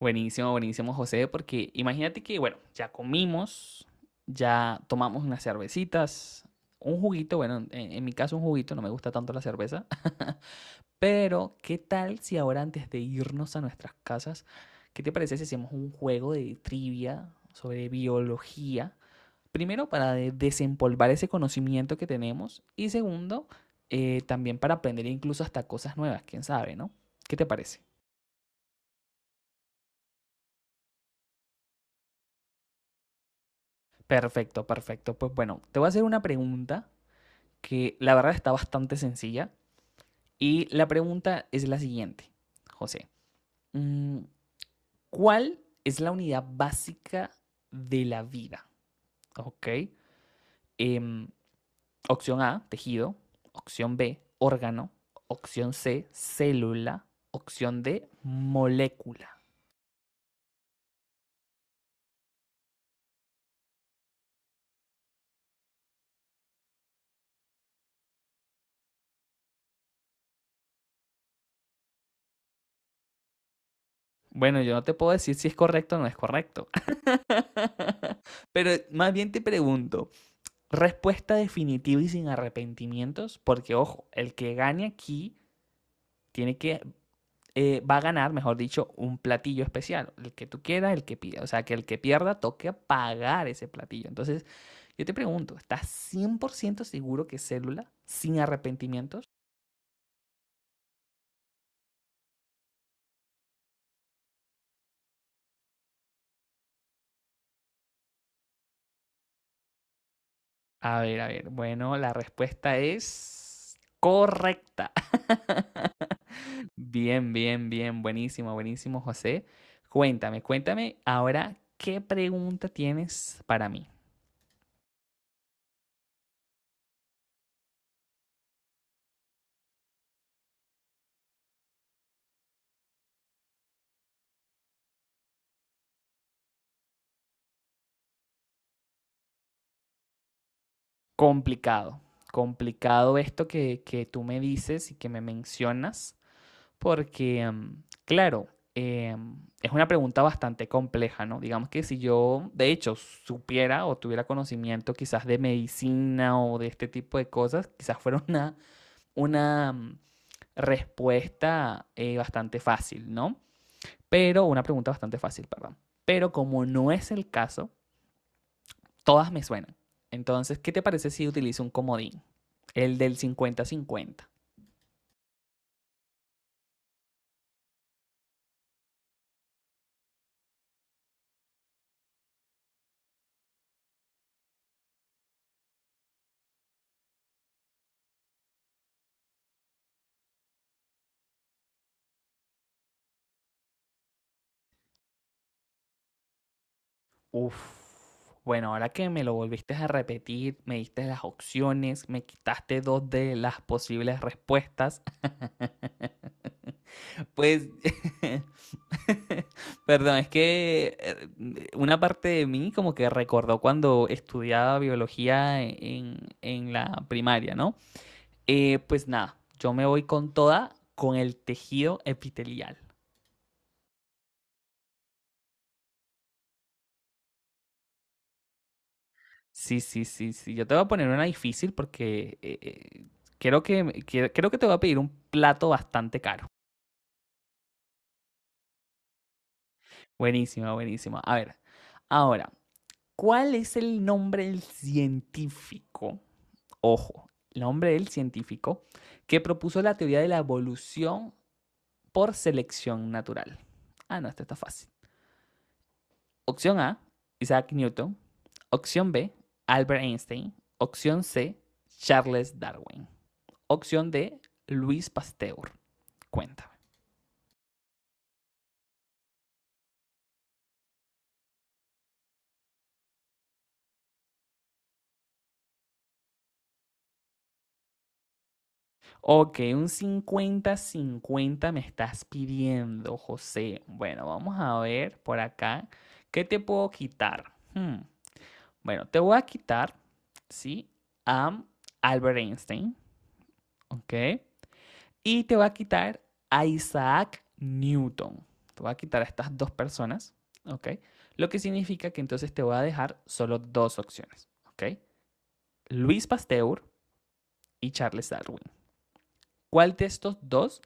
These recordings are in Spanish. Buenísimo, buenísimo, José, porque imagínate que, bueno, ya comimos, ya tomamos unas cervecitas, un juguito, bueno, en mi caso un juguito, no me gusta tanto la cerveza, pero ¿qué tal si ahora antes de irnos a nuestras casas, ¿qué te parece si hacemos un juego de trivia sobre biología? Primero, para desempolvar ese conocimiento que tenemos y segundo, también para aprender incluso hasta cosas nuevas, quién sabe, ¿no? ¿Qué te parece? Perfecto, perfecto. Pues bueno, te voy a hacer una pregunta que la verdad está bastante sencilla. Y la pregunta es la siguiente, José. Mm, ¿Cuál es la unidad básica de la vida? ¿Ok? Em, opción A, tejido. Opción B, órgano. Opción C, célula. Opción D, molécula. Bueno, yo no te puedo decir si es correcto o no es correcto. Pero más bien te pregunto, respuesta definitiva y sin arrepentimientos, porque ojo, el que gane aquí tiene que va a ganar, mejor dicho, un platillo especial, el que tú quieras, el que pida, o sea, que el que pierda toque pagar ese platillo. Entonces, yo te pregunto, ¿estás 100% seguro que célula sin arrepentimientos? A ver, bueno, la respuesta es correcta. Bien, bien, bien, buenísimo, buenísimo, José. Cuéntame, cuéntame ahora qué pregunta tienes para mí. Complicado, complicado esto que tú me dices y que me mencionas, porque, claro, em, es una pregunta bastante compleja, ¿no? Digamos que si yo, de hecho, supiera o tuviera conocimiento quizás de medicina o de este tipo de cosas, quizás fuera una respuesta bastante fácil, ¿no? Pero una pregunta bastante fácil, perdón. Pero como no es el caso, todas me suenan. Entonces, ¿qué te parece si utilizo un comodín? El del cincuenta-cincuenta. Uf. Bueno, ahora que me lo volviste a repetir, me diste las opciones, me quitaste dos de las posibles respuestas. Pues, perdón, es que una parte de mí como que recordó cuando estudiaba biología en la primaria, ¿no? Pues nada, yo me voy con toda con el tejido epitelial. Sí, sí, sí, sí. Yo te voy a poner una difícil porque creo que, creo que te voy a pedir un plato bastante caro. Buenísimo, buenísimo. A ver, ahora, ¿cuál es el nombre del científico? Ojo, el nombre del científico que propuso la teoría de la evolución por selección natural. Ah, no, esto está fácil. Opción A, Isaac Newton. Opción B, Albert Einstein. Opción C, Charles Darwin. Opción D, Luis Pasteur. Cuéntame. Ok, un cincuenta-cincuenta me estás pidiendo, José. Bueno, vamos a ver por acá. ¿Qué te puedo quitar? Bueno, te voy a quitar, ¿sí? A Albert Einstein, ¿ok? Y te voy a quitar a Isaac Newton. Te voy a quitar a estas dos personas, ¿ok? Lo que significa que entonces te voy a dejar solo dos opciones, ¿ok? Luis Pasteur y Charles Darwin. ¿Cuál de estos dos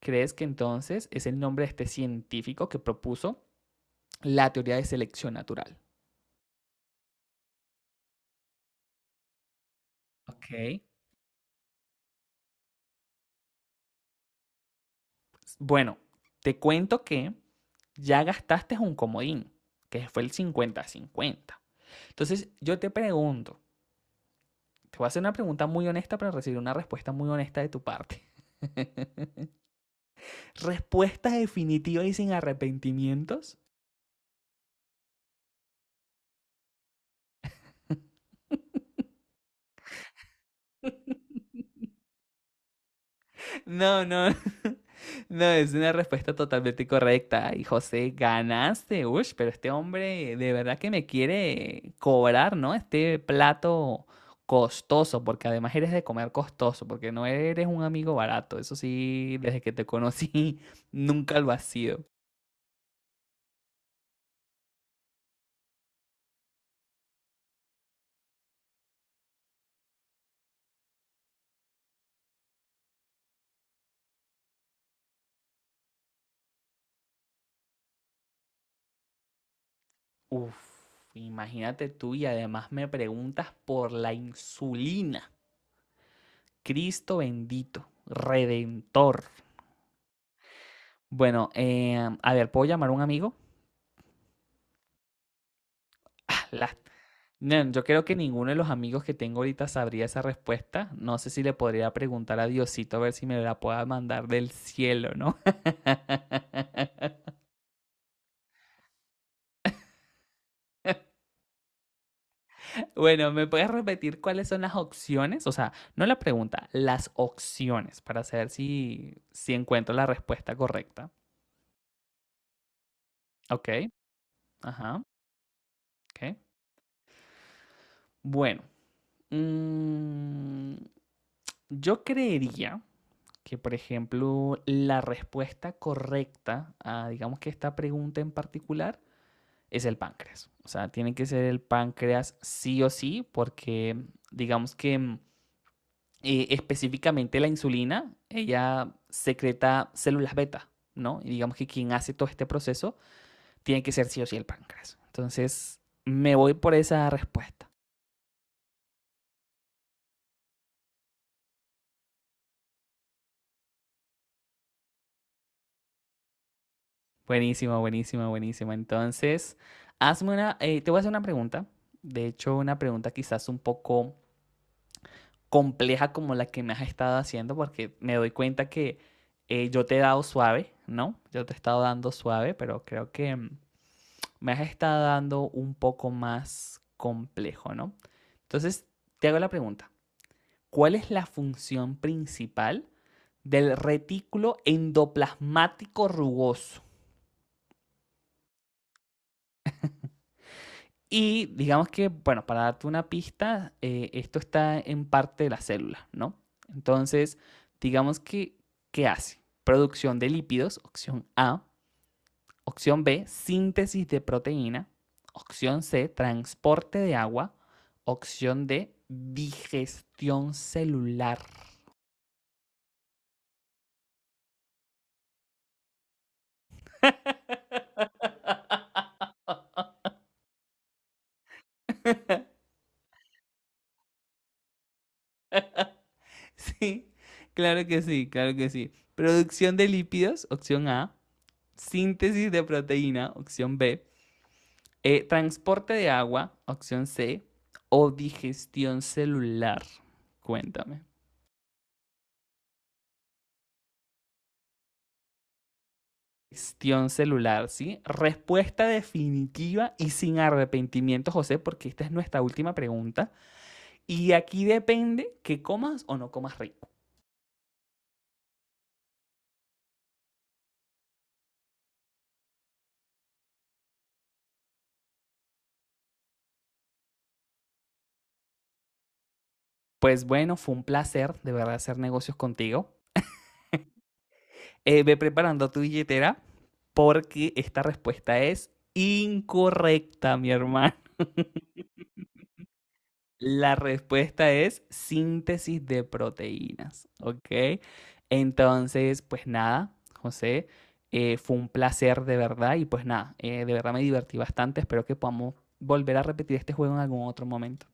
crees que entonces es el nombre de este científico que propuso la teoría de selección natural? Ok. Bueno, te cuento que ya gastaste un comodín, que fue el 50-50. Entonces, yo te pregunto, te voy a hacer una pregunta muy honesta para recibir una respuesta muy honesta de tu parte. ¿Respuesta definitiva y sin arrepentimientos? No, no. No, es una respuesta totalmente correcta. Y José, ganaste. Uy, pero este hombre de verdad que me quiere cobrar, ¿no? Este plato costoso, porque además eres de comer costoso, porque no eres un amigo barato. Eso sí, desde que te conocí, nunca lo has sido. Uf, imagínate tú y además me preguntas por la insulina. Cristo bendito, redentor. Bueno, a ver, ¿puedo llamar a un amigo? Ah, la- No, yo creo que ninguno de los amigos que tengo ahorita sabría esa respuesta. No sé si le podría preguntar a Diosito a ver si me la pueda mandar del cielo, ¿no? Bueno, ¿me puedes repetir cuáles son las opciones? O sea, no la pregunta, las opciones para saber si, si encuentro la respuesta correcta. Okey, ajá, okey. Bueno, mm, yo creería que, por ejemplo, la respuesta correcta a, digamos que esta pregunta en particular, es el páncreas. O sea, tiene que ser el páncreas sí o sí, porque digamos que, específicamente la insulina, ella secreta células beta, ¿no? Y digamos que quien hace todo este proceso tiene que ser sí o sí el páncreas. Entonces, me voy por esa respuesta. Buenísimo, buenísimo, buenísimo. Entonces, hazme una, te voy a hacer una pregunta. De hecho, una pregunta quizás un poco compleja como la que me has estado haciendo, porque me doy cuenta que yo te he dado suave, ¿no? Yo te he estado dando suave, pero creo que me has estado dando un poco más complejo, ¿no? Entonces, te hago la pregunta. ¿Cuál es la función principal del retículo endoplasmático rugoso? Y digamos que, bueno, para darte una pista, esto está en parte de la célula, ¿no? Entonces, digamos que, ¿qué hace? Producción de lípidos, opción A. Opción B, síntesis de proteína. Opción C, transporte de agua. Opción D, digestión celular. Sí, claro que sí, claro que sí. Producción de lípidos, opción A. Síntesis de proteína, opción B. Transporte de agua, opción C, o digestión celular. Cuéntame. Digestión celular, ¿sí? Respuesta definitiva y sin arrepentimiento, José, porque esta es nuestra última pregunta. Y aquí depende que comas o no comas rico. Pues bueno, fue un placer de verdad hacer negocios contigo. Ve preparando tu billetera porque esta respuesta es incorrecta, mi hermano. La respuesta es síntesis de proteínas, ¿ok? Entonces, pues nada, José, fue un placer de verdad y pues nada, de verdad me divertí bastante, espero que podamos volver a repetir este juego en algún otro momento.